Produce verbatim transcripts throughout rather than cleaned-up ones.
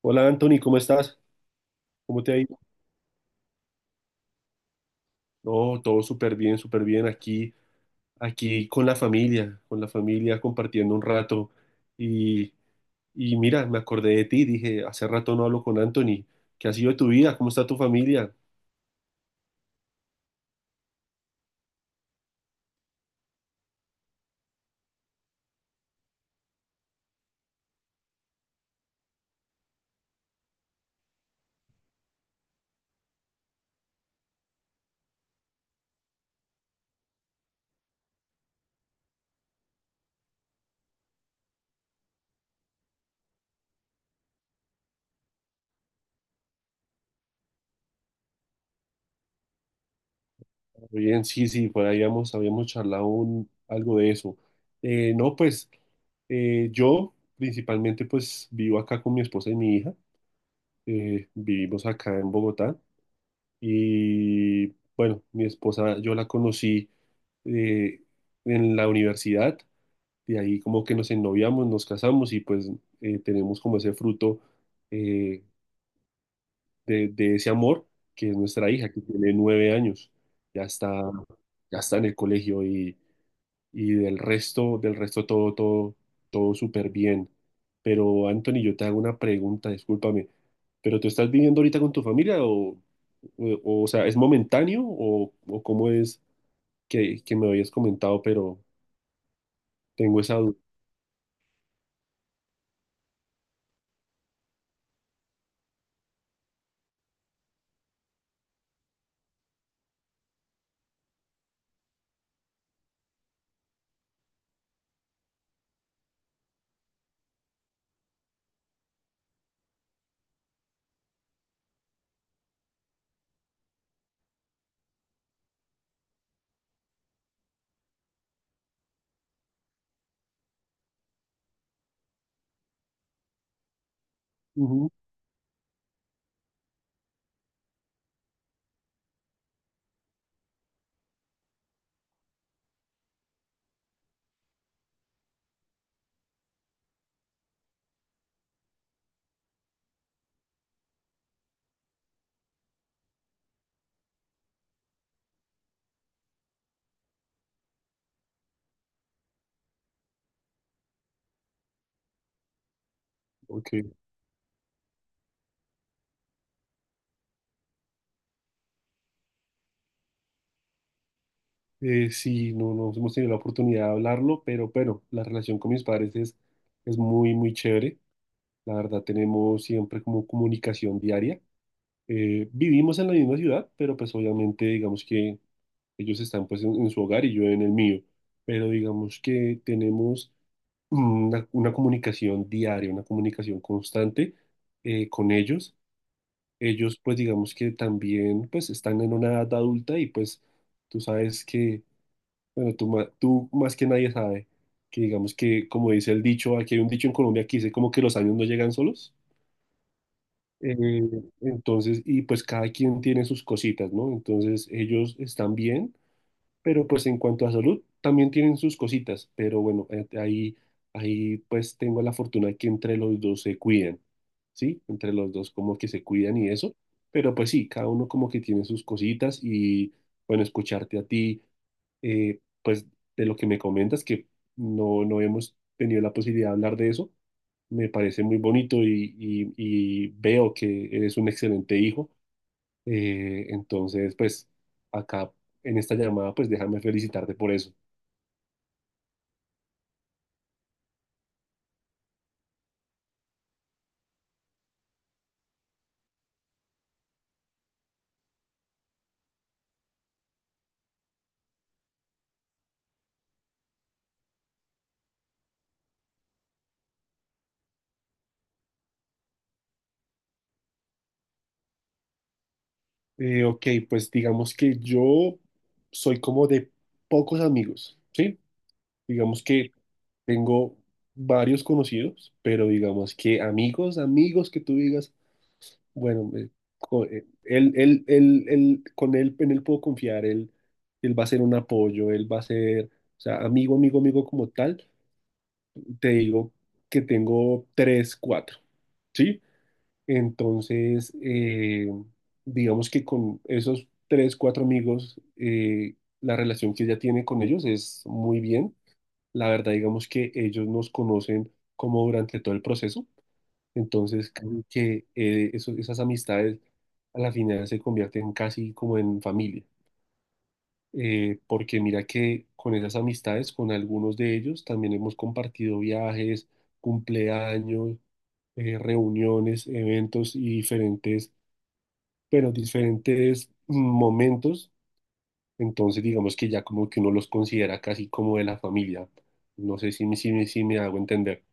Hola Anthony, ¿cómo estás? ¿Cómo te ha ido? No, todo súper bien, súper bien aquí, aquí con la familia, con la familia compartiendo un rato. Y, y mira, me acordé de ti, dije, hace rato no hablo con Anthony. ¿Qué ha sido de tu vida? ¿Cómo está tu familia? Bien, sí, sí, por ahí habíamos, habíamos charlado un- algo de eso. Eh, no, pues eh, yo principalmente pues vivo acá con mi esposa y mi hija. Eh, vivimos acá en Bogotá y bueno, mi esposa yo la conocí eh, en la universidad. De ahí como que nos ennoviamos, nos casamos y pues eh, tenemos como ese fruto eh, de, de ese amor, que es nuestra hija, que tiene nueve años. Ya está, ya está en el colegio y, y del resto, del resto todo, todo, todo súper bien. Pero Anthony, yo te hago una pregunta, discúlpame, pero ¿tú estás viviendo ahorita con tu familia, o, o, o sea, es momentáneo, o, o cómo es que, que me habías comentado, pero tengo esa duda? Ujú. Ok. Eh, sí, no, no hemos tenido la oportunidad de hablarlo, pero pero la relación con mis padres es, es muy, muy chévere. La verdad, tenemos siempre como comunicación diaria. Eh, vivimos en la misma ciudad, pero pues obviamente digamos que ellos están pues en, en su hogar y yo en el mío, pero digamos que tenemos mm, una, una comunicación diaria, una comunicación constante eh, con ellos. Ellos pues digamos que también pues están en una edad adulta y pues tú sabes que bueno, tú, ma- tú más que nadie sabe que digamos que, como dice el dicho, aquí hay un dicho en Colombia que dice como que los años no llegan solos. Eh, entonces, y pues cada quien tiene sus cositas, ¿no? Entonces ellos están bien, pero pues en cuanto a salud también tienen sus cositas, pero bueno, eh, ahí, ahí pues tengo la fortuna de que entre los dos se cuidan, ¿sí? Entre los dos como que se cuidan y eso, pero pues sí, cada uno como que tiene sus cositas y bueno, escucharte a ti, eh, pues de lo que me comentas, que no, no hemos tenido la posibilidad de hablar de eso, me parece muy bonito, y, y- y veo que eres un excelente hijo. Eh, entonces, pues acá en esta llamada, pues déjame felicitarte por eso. Eh, ok, pues digamos que yo soy como de pocos amigos, ¿sí? Digamos que tengo varios conocidos, pero digamos que amigos, amigos que tú digas. Bueno, eh, co- eh, él, él, él, él- con él, en él puedo confiar. Él, él va a ser un apoyo, él va a ser, o sea, amigo, amigo, amigo como tal, te digo que tengo tres, cuatro, ¿sí? Entonces, eh, digamos que con esos tres, cuatro amigos, eh, la relación que ella tiene con ellos es muy bien. La verdad, digamos que ellos nos conocen como durante todo el proceso. Entonces, casi que eh, eso- esas amistades a la final se convierten casi como en familia. Eh, porque mira que con esas amistades, con algunos de ellos, también hemos compartido viajes, cumpleaños, eh, reuniones, eventos y diferentes, pero diferentes mm, momentos. Entonces, digamos que ya como que uno los considera casi como de la familia. No sé si, me- si, me- si me hago entender.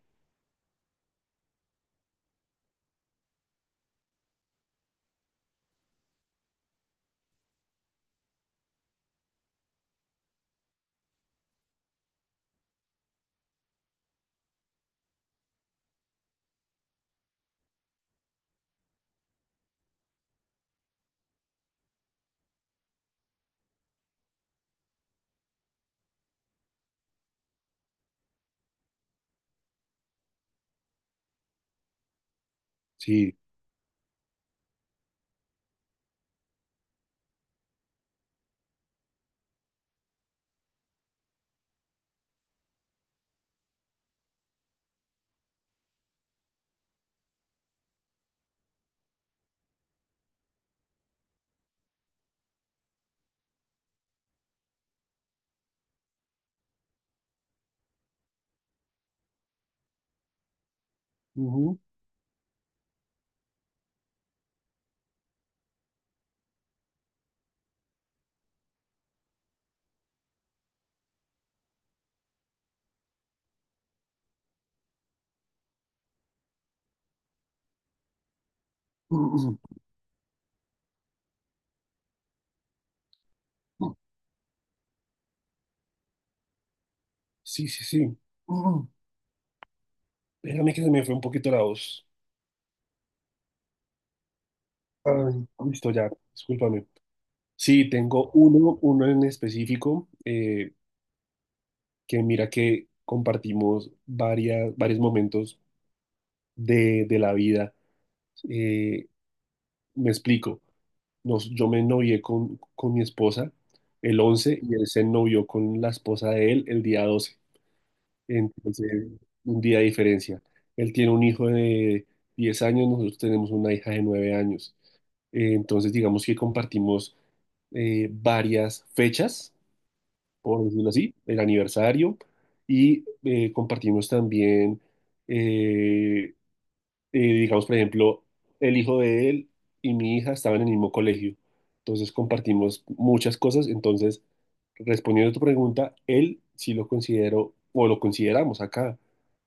Sí. Ujú. Sí, sí, sí. Espérame que se me fue un poquito la voz. Ay, listo, ya, discúlpame. Sí, tengo uno, uno en específico, eh, que mira que compartimos varias, varios momentos de, de la vida. Eh, Me explico. Nos, yo me novié con, con mi esposa el once, y él se novió con la esposa de él el día doce. Entonces, un día de diferencia. Él tiene un hijo de diez años, nosotros tenemos una hija de nueve años. Eh, entonces, digamos que compartimos, eh, varias fechas, por decirlo así, el aniversario, y eh, compartimos también, eh, eh, digamos, por ejemplo, el hijo de él y mi hija estaban en el mismo colegio, entonces compartimos muchas cosas. Entonces, respondiendo a tu pregunta, él sí lo considero, o lo consideramos acá,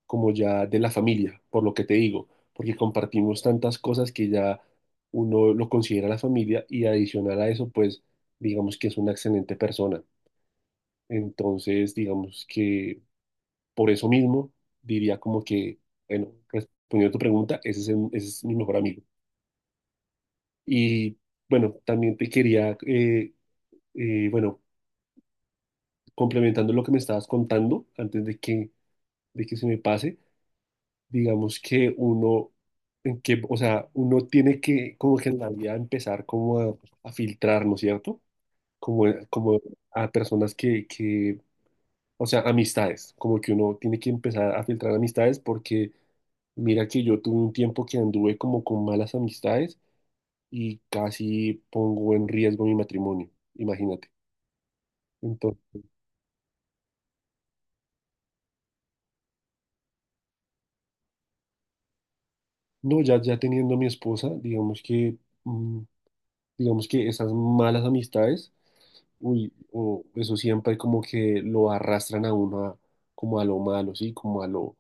como ya de la familia, por lo que te digo, porque compartimos tantas cosas que ya uno lo considera la familia, y adicional a eso, pues, digamos que es una excelente persona. Entonces, digamos que por eso mismo, diría como que, bueno, respondiendo a tu pregunta, ese es, el- ese es mi mejor amigo. Y bueno, también te quería, eh, eh, bueno, complementando lo que me estabas contando, antes de que, de que se me pase, digamos que uno, en que, o sea, uno tiene que, como que en la vida empezar como a, a filtrar, ¿no es cierto? Como, como a personas que, que, o sea, amistades, como que uno tiene que empezar a filtrar amistades, porque mira que yo tuve un tiempo que anduve como con malas amistades y casi pongo en riesgo mi matrimonio, imagínate. Entonces, no, ya, ya teniendo mi esposa, digamos que, mm, digamos que esas malas amistades, uy, o eso siempre como que lo arrastran a uno a- como a lo malo, sí, como a lo,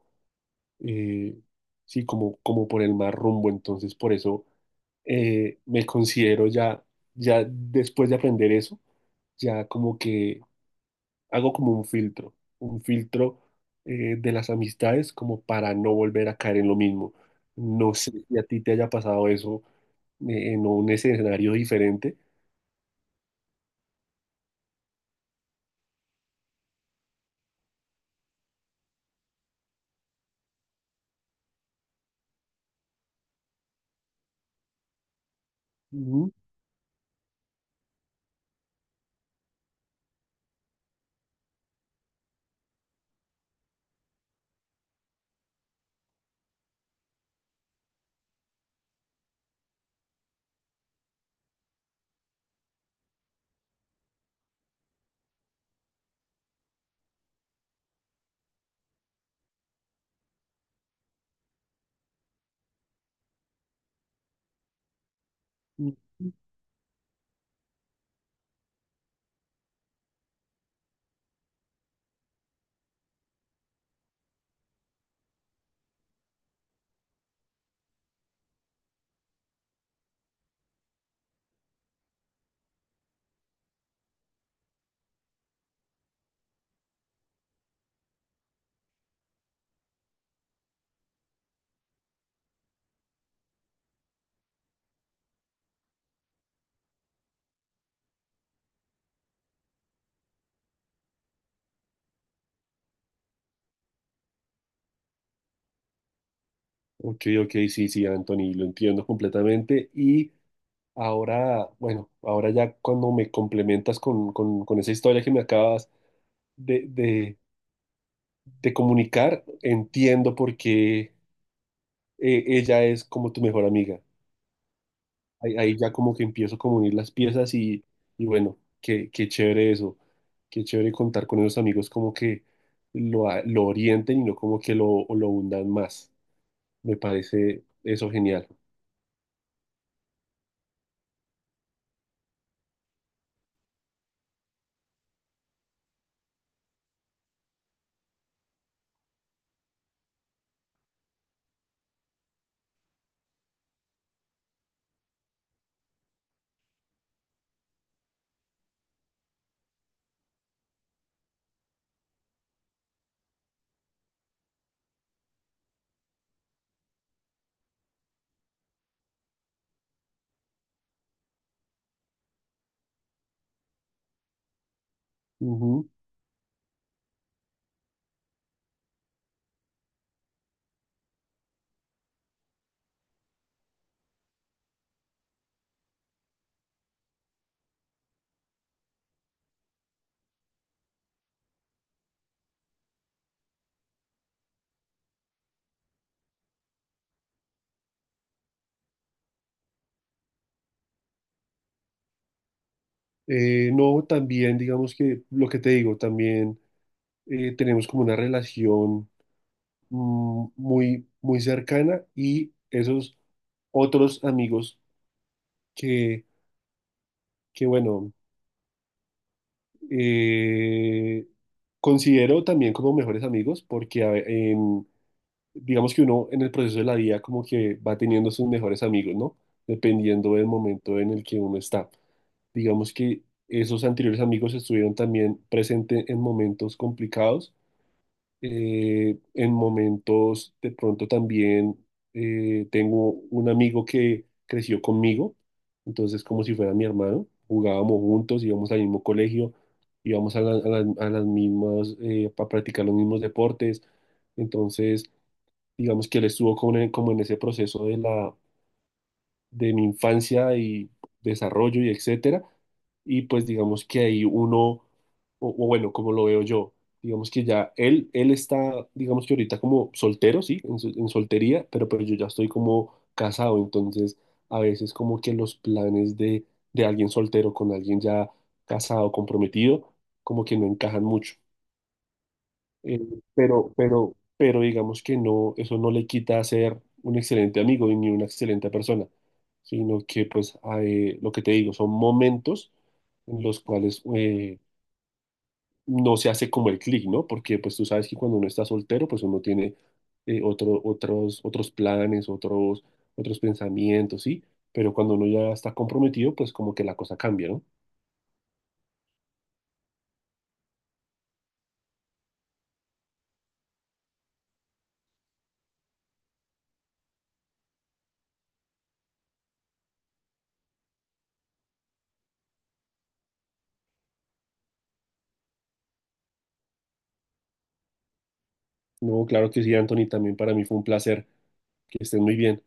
eh, sí, como, como por el mal rumbo. Entonces, por eso, eh, me considero ya, ya después de aprender eso, ya como que hago como un filtro, un filtro, eh, de las amistades, como para no volver a caer en lo mismo. No sé si a ti te haya pasado eso, eh, en un escenario diferente. Ujú, ujú. Ok, ok, sí, sí, Anthony, lo entiendo completamente. Y ahora, bueno, ahora ya cuando me complementas con, con- con esa historia que me acabas de, de- de comunicar, entiendo por qué, eh, ella es como tu mejor amiga. ahí, ahí ya como que empiezo como a unir las piezas y, y bueno, qué, qué chévere eso, qué chévere contar con esos amigos como que lo, a- lo orienten y no como que lo, lo hundan más. Me parece eso genial. Ujú. Eh, no, también digamos que lo que te digo, también eh, tenemos como una relación, mm, muy, muy cercana, y esos otros amigos que, que bueno, Eh, considero también como mejores amigos porque a ve- en- digamos que uno en el proceso de la vida como que va teniendo sus mejores amigos, ¿no? Dependiendo del momento en el que uno está. Digamos que esos anteriores amigos estuvieron también presentes en momentos complicados, eh, en momentos, de pronto también, eh, tengo un amigo que creció conmigo, entonces como si fuera mi hermano, jugábamos juntos, íbamos al mismo colegio, íbamos a, la- a la- a las mismas, eh, para practicar los mismos deportes. Entonces digamos que él estuvo como en, como en ese proceso de la, de mi infancia y desarrollo y etcétera. Y pues digamos que ahí uno, o, o bueno, como lo veo yo, digamos que ya él, él está, digamos que ahorita como soltero, sí, en, sol- en soltería, pero pues yo ya estoy como casado. Entonces a veces como que los planes de, de alguien soltero con alguien ya casado, comprometido, como que no encajan mucho. Eh, pero, pero, pero digamos que no, eso no le quita ser un excelente amigo y ni una excelente persona, sino que pues hay- lo que te digo, son momentos en los cuales, eh, no se hace como el clic, ¿no? Porque pues tú sabes que cuando uno está soltero, pues uno tiene, eh, otro- otros, otros planes, otros, otros pensamientos, ¿sí? Pero cuando uno ya está comprometido, pues como que la cosa cambia, ¿no? No, claro que sí, Anthony, también para mí fue un placer. Que estén muy bien.